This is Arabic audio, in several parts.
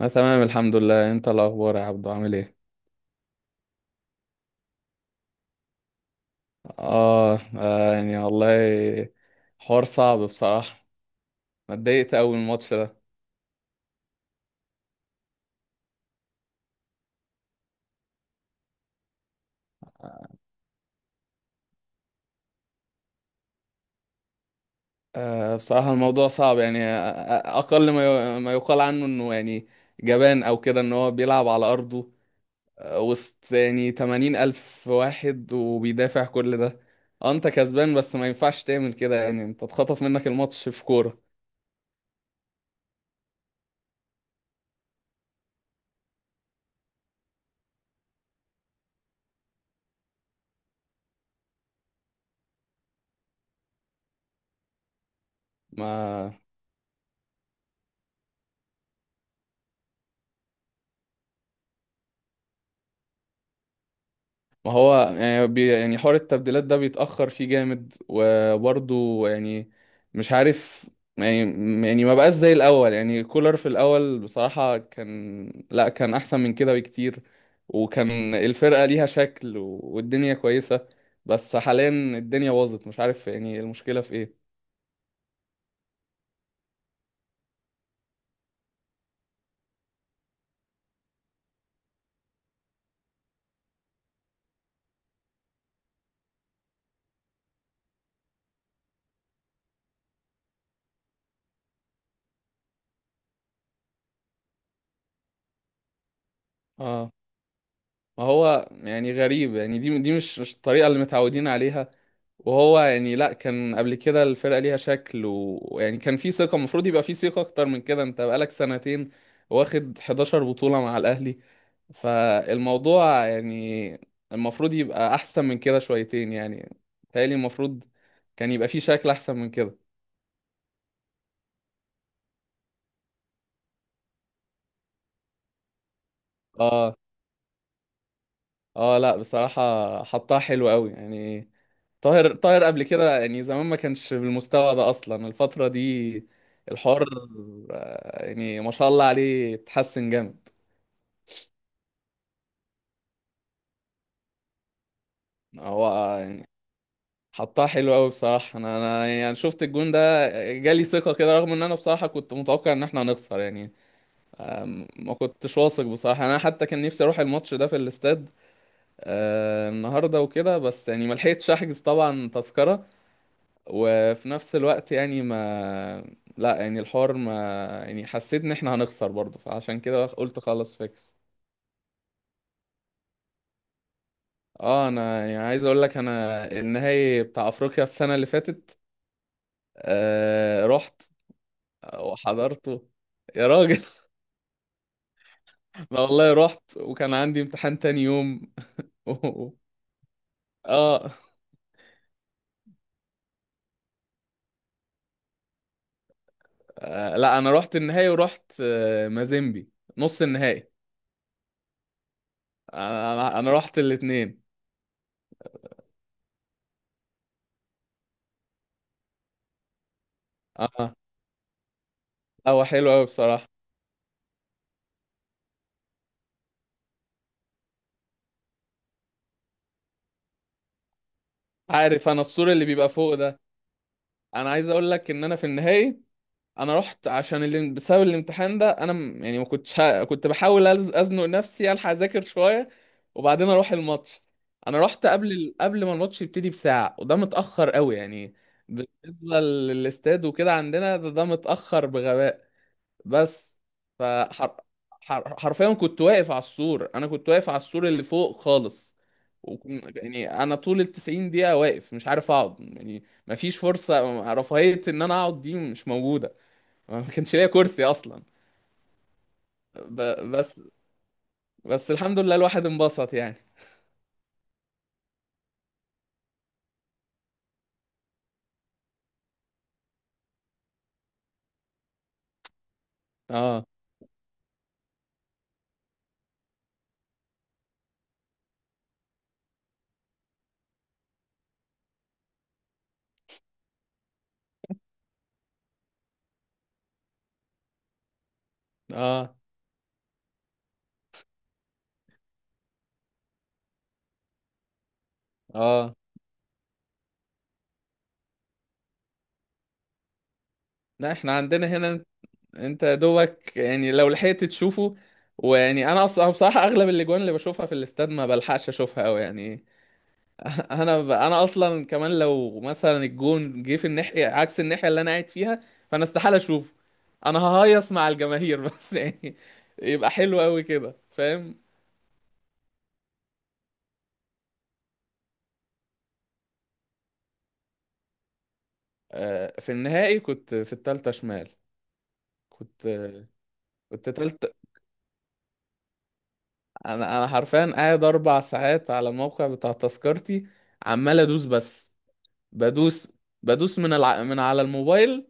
انا تمام الحمد لله. انت الاخبار يا عبدو عامل ايه؟ اه يعني والله، حوار صعب بصراحه. أنا اتضايقت قوي من الماتش ده. بصراحه الموضوع صعب يعني. اقل ما ما يقال عنه انه يعني جبان او كده، ان هو بيلعب على ارضه، وسط يعني 80 الف واحد وبيدافع كل ده. انت كسبان بس ما ينفعش تعمل كده، يعني انت اتخطف منك الماتش في كوره. ما، ما هو يعني يعني حوار التبديلات ده بيتأخر فيه جامد وبرضه يعني مش عارف. يعني، يعني ما بقاش زي الأول. يعني كولر في الأول بصراحة كان، لا كان أحسن من كده بكتير. وكان الفرقة ليها شكل والدنيا كويسة. بس حاليا الدنيا باظت، مش عارف يعني المشكلة في إيه. ما هو يعني غريب، يعني دي مش الطريقة اللي متعودين عليها. وهو يعني، لا كان قبل كده الفرقة ليها شكل ويعني كان في ثقة. المفروض يبقى في ثقة أكتر من كده، أنت بقالك سنتين واخد 11 بطولة مع الأهلي. فالموضوع يعني المفروض يبقى أحسن من كده شويتين، يعني بيتهيألي المفروض كان يبقى في شكل أحسن من كده. اه. اه لا بصراحة، حطها حلو قوي يعني. طاهر قبل كده يعني زمان ما كانش بالمستوى ده، اصلا الفترة دي الحوار، يعني ما شاء الله عليه اتحسن جامد. هو، يعني حطها حلو قوي بصراحة. انا يعني شفت الجون ده، جالي ثقة كده رغم ان انا بصراحة كنت متوقع ان احنا هنخسر يعني. ما كنتش واثق بصراحة، انا حتى كان نفسي اروح الماتش ده في الاستاد، النهارده وكده، بس يعني ما لحقتش احجز طبعا تذكرة. وفي نفس الوقت يعني ما، لا يعني الحوار ما، يعني حسيت ان احنا هنخسر برضه، فعشان كده قلت خلاص فيكس. اه انا يعني عايز اقول لك، انا النهائي بتاع افريقيا السنة اللي فاتت آه رحت وحضرته يا راجل. لا والله رحت وكان عندي امتحان تاني يوم. آه, اه لا، انا رحت النهائي ورحت آه مازيمبي نص النهائي. انا انا أنا رحت الاتنين. اه. هو حلو قوي بصراحة. عارف انا السور اللي بيبقى فوق ده. انا عايز اقول لك ان انا في النهائي، انا رحت عشان اللي بسبب الامتحان ده انا يعني ما كنتش كنت بحاول ازنق نفسي الحق اذاكر شويه، وبعدين اروح الماتش. انا رحت قبل ما الماتش يبتدي بساعه، وده متاخر قوي يعني بالنسبه للاستاد وكده عندنا، ده متاخر بغباء. بس فحر... حرفيا كنت واقف على السور. انا كنت واقف على السور اللي فوق خالص. يعني انا طول 90 دقيقة واقف، مش عارف اقعد يعني. مفيش فرصة رفاهية، ان انا اقعد دي مش موجودة. ما كانش ليا كرسي اصلا. ب... بس بس الحمد لله الواحد انبسط يعني. اه. اه. اه لا احنا عندنا هنا. انت يا دوبك يعني لو لحقت تشوفه. ويعني انا اصلا بصراحة اغلب الاجوان اللي بشوفها في الاستاد ما بلحقش اشوفها قوي يعني. انا اصلا كمان، لو مثلا الجون جه في الناحيه عكس الناحيه اللي انا قاعد فيها، فانا استحاله اشوفه. انا ههيص مع الجماهير بس يعني يبقى حلو قوي كده، فاهم؟ في النهائي كنت في التالتة شمال. كنت كنت تالت. انا حرفيا قاعد 4 ساعات على الموقع بتاع تذكرتي، عمال ادوس بس. بدوس بدوس من من على الموبايل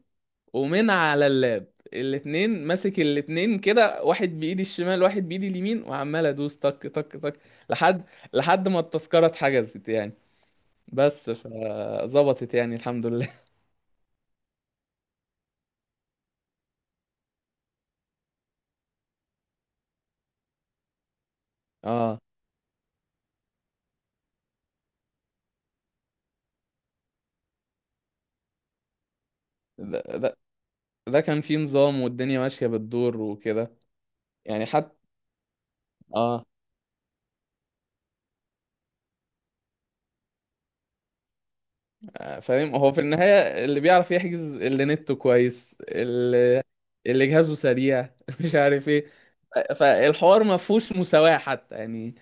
ومن على اللاب الاتنين. ماسك الاتنين كده، واحد بايدي الشمال واحد بايدي اليمين، وعمال ادوس تك تك تك. لحد لحد ما التذكرة اتحجزت يعني، بس فظبطت يعني الحمد لله. اه ده, ده, ده كان فيه نظام والدنيا ماشية بالدور وكده. يعني حتى، اه، فاهم هو في النهاية اللي بيعرف يحجز، اللي نته كويس، اللي اللي جهازه سريع. مش عارف ايه. فالحوار ما فيهوش مساواة حتى يعني.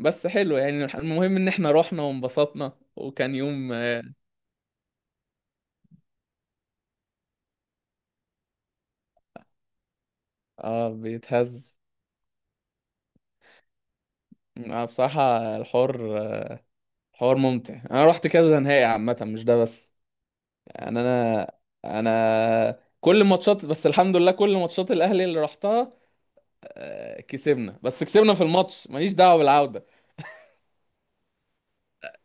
بس حلو يعني، المهم ان احنا رحنا وانبسطنا وكان يوم. اه بيتهز. آه بصراحة الحوار ممتع. انا رحت كذا نهائي عامة مش ده بس. يعني انا كل ماتشات، بس الحمد لله كل ماتشات الاهلي اللي رحتها، كسبنا. بس كسبنا في الماتش، ماليش دعوة بالعودة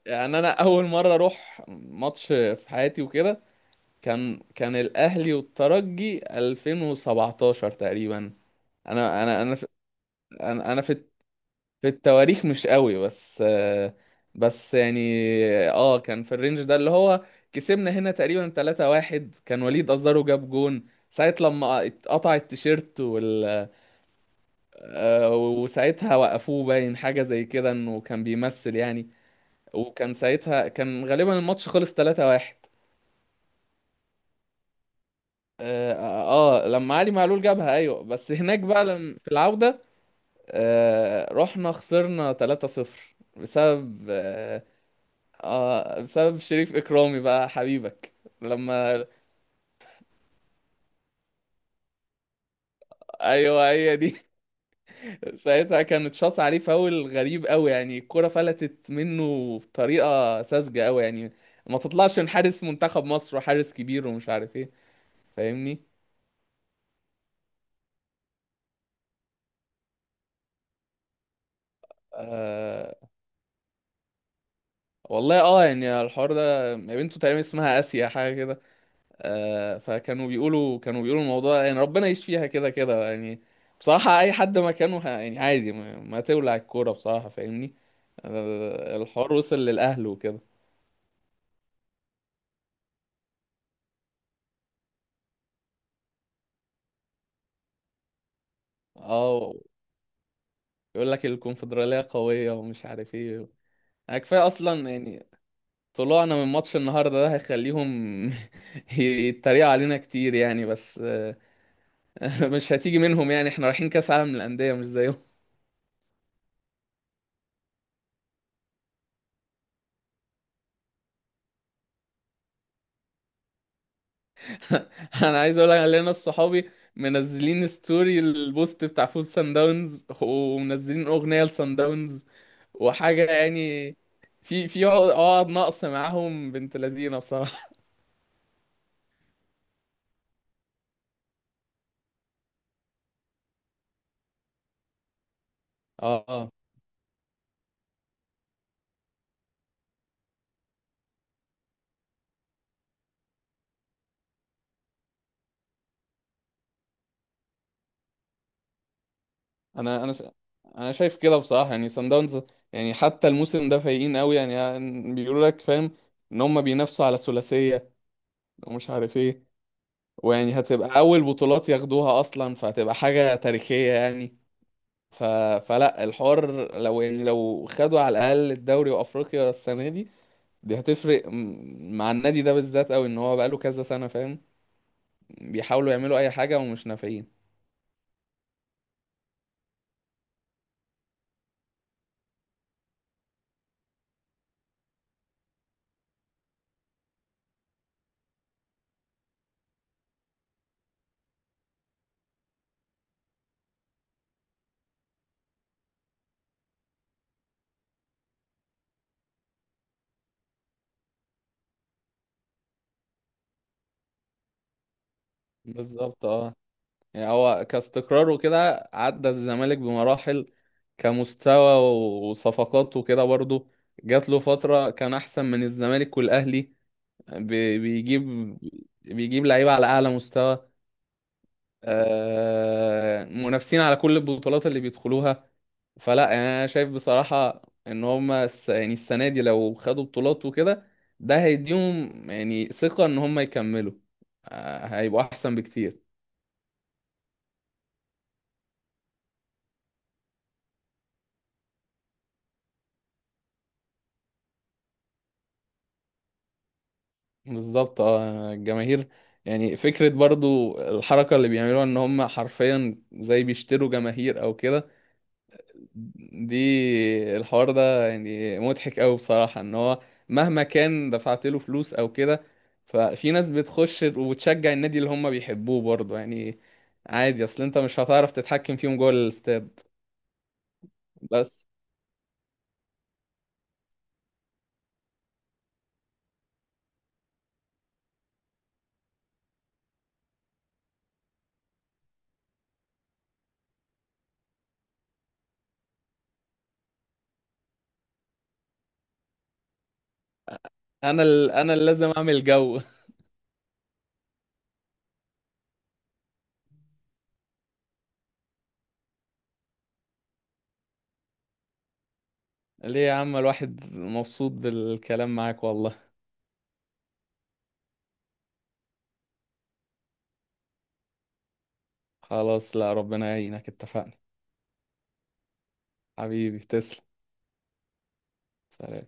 يعني. انا اول مرة اروح ماتش في حياتي وكده كان، الاهلي والترجي 2017 تقريبا. انا انا انا في انا أنا في في التواريخ مش قوي بس، بس يعني اه كان في الرينج ده اللي هو، كسبنا هنا تقريبا 3-1. كان وليد أزارو جاب جون، ساعة لما اتقطع التيشيرت وال... وساعتها وقفوه، باين حاجة زي كده انه كان بيمثل يعني. وكان ساعتها كان غالبا الماتش خلص 3-1. اه، لما علي معلول جابها، ايوه بس هناك بقى في العودة، رحنا خسرنا 3-0 بسبب، اه بسبب شريف اكرامي بقى حبيبك. لما ايوه هي دي. ساعتها كانت شاط عليه فاول غريب قوي يعني، الكرة فلتت منه بطريقة ساذجة قوي يعني. ما تطلعش من حارس منتخب مصر وحارس كبير ومش عارف ايه، فاهمني؟ آه والله. اه يعني الحوار ده بنته تقريبا اسمها اسيا حاجة كده. آه فكانوا بيقولوا كانوا بيقولوا الموضوع يعني ربنا يشفيها، فيها كده كده يعني. بصراحة اي حد مكانه يعني عادي ما تولع الكورة بصراحة، فاهمني؟ . الحوار وصل للأهل وكده. اه يقول لك الكونفدرالية قوية ومش عارف ايه، كفاية اصلا يعني. طلوعنا من ماتش النهاردة ده هيخليهم يتريقوا علينا كتير يعني، بس، مش هتيجي منهم يعني، احنا رايحين كأس عالم للأندية مش زيهم. انا عايز اقول لك، علينا ناس صحابي منزلين ستوري البوست بتاع فوز سان داونز ومنزلين أغنية لسان داونز وحاجة يعني. في عقد ناقص معاهم بنت لذينه بصراحة. اه انا انا ش... انا شايف كده بصراحه يعني سان داونز، يعني حتى الموسم ده فايقين قوي يعني، يعني بيقولوا لك فاهم ان هم بينافسوا على ثلاثيه ومش عارف ايه. ويعني هتبقى اول بطولات ياخدوها اصلا، فهتبقى حاجه تاريخيه يعني. ف... فلا الحوار، لو يعني لو خدوا على الاقل الدوري وافريقيا السنه دي، دي هتفرق مع النادي ده بالذات قوي، ان هو بقاله كذا سنه فاهم. بيحاولوا يعملوا اي حاجه ومش نافعين. بالظبط اه، يعني هو كاستقرار وكده عدى الزمالك بمراحل كمستوى وصفقات وكده برضو. جات له فترة كان أحسن من الزمالك والأهلي، بي- بيجيب بيجيب لعيبة على أعلى مستوى، منافسين على كل البطولات اللي بيدخلوها. فلا يعني أنا شايف بصراحة إن هما يعني السنة دي لو خدوا بطولات وكده، ده هيديهم يعني ثقة إن هما يكملوا، هيبقوا أحسن بكتير. بالظبط اه الجماهير يعني، فكرة برضو الحركة اللي بيعملوها ان هم حرفيا زي بيشتروا جماهير او كده. دي الحوار ده يعني مضحك قوي بصراحة، ان هو مهما كان دفعت له فلوس او كده، ففي ناس بتخش وتشجع النادي اللي هم بيحبوه برضو يعني. عادي اصل انت مش هتعرف تتحكم فيهم جوه الاستاد. بس انا اللي لازم اعمل جو. ليه يا عم الواحد مبسوط بالكلام معاك والله. خلاص لا، ربنا يعينك اتفقنا. حبيبي تسلم. سلام.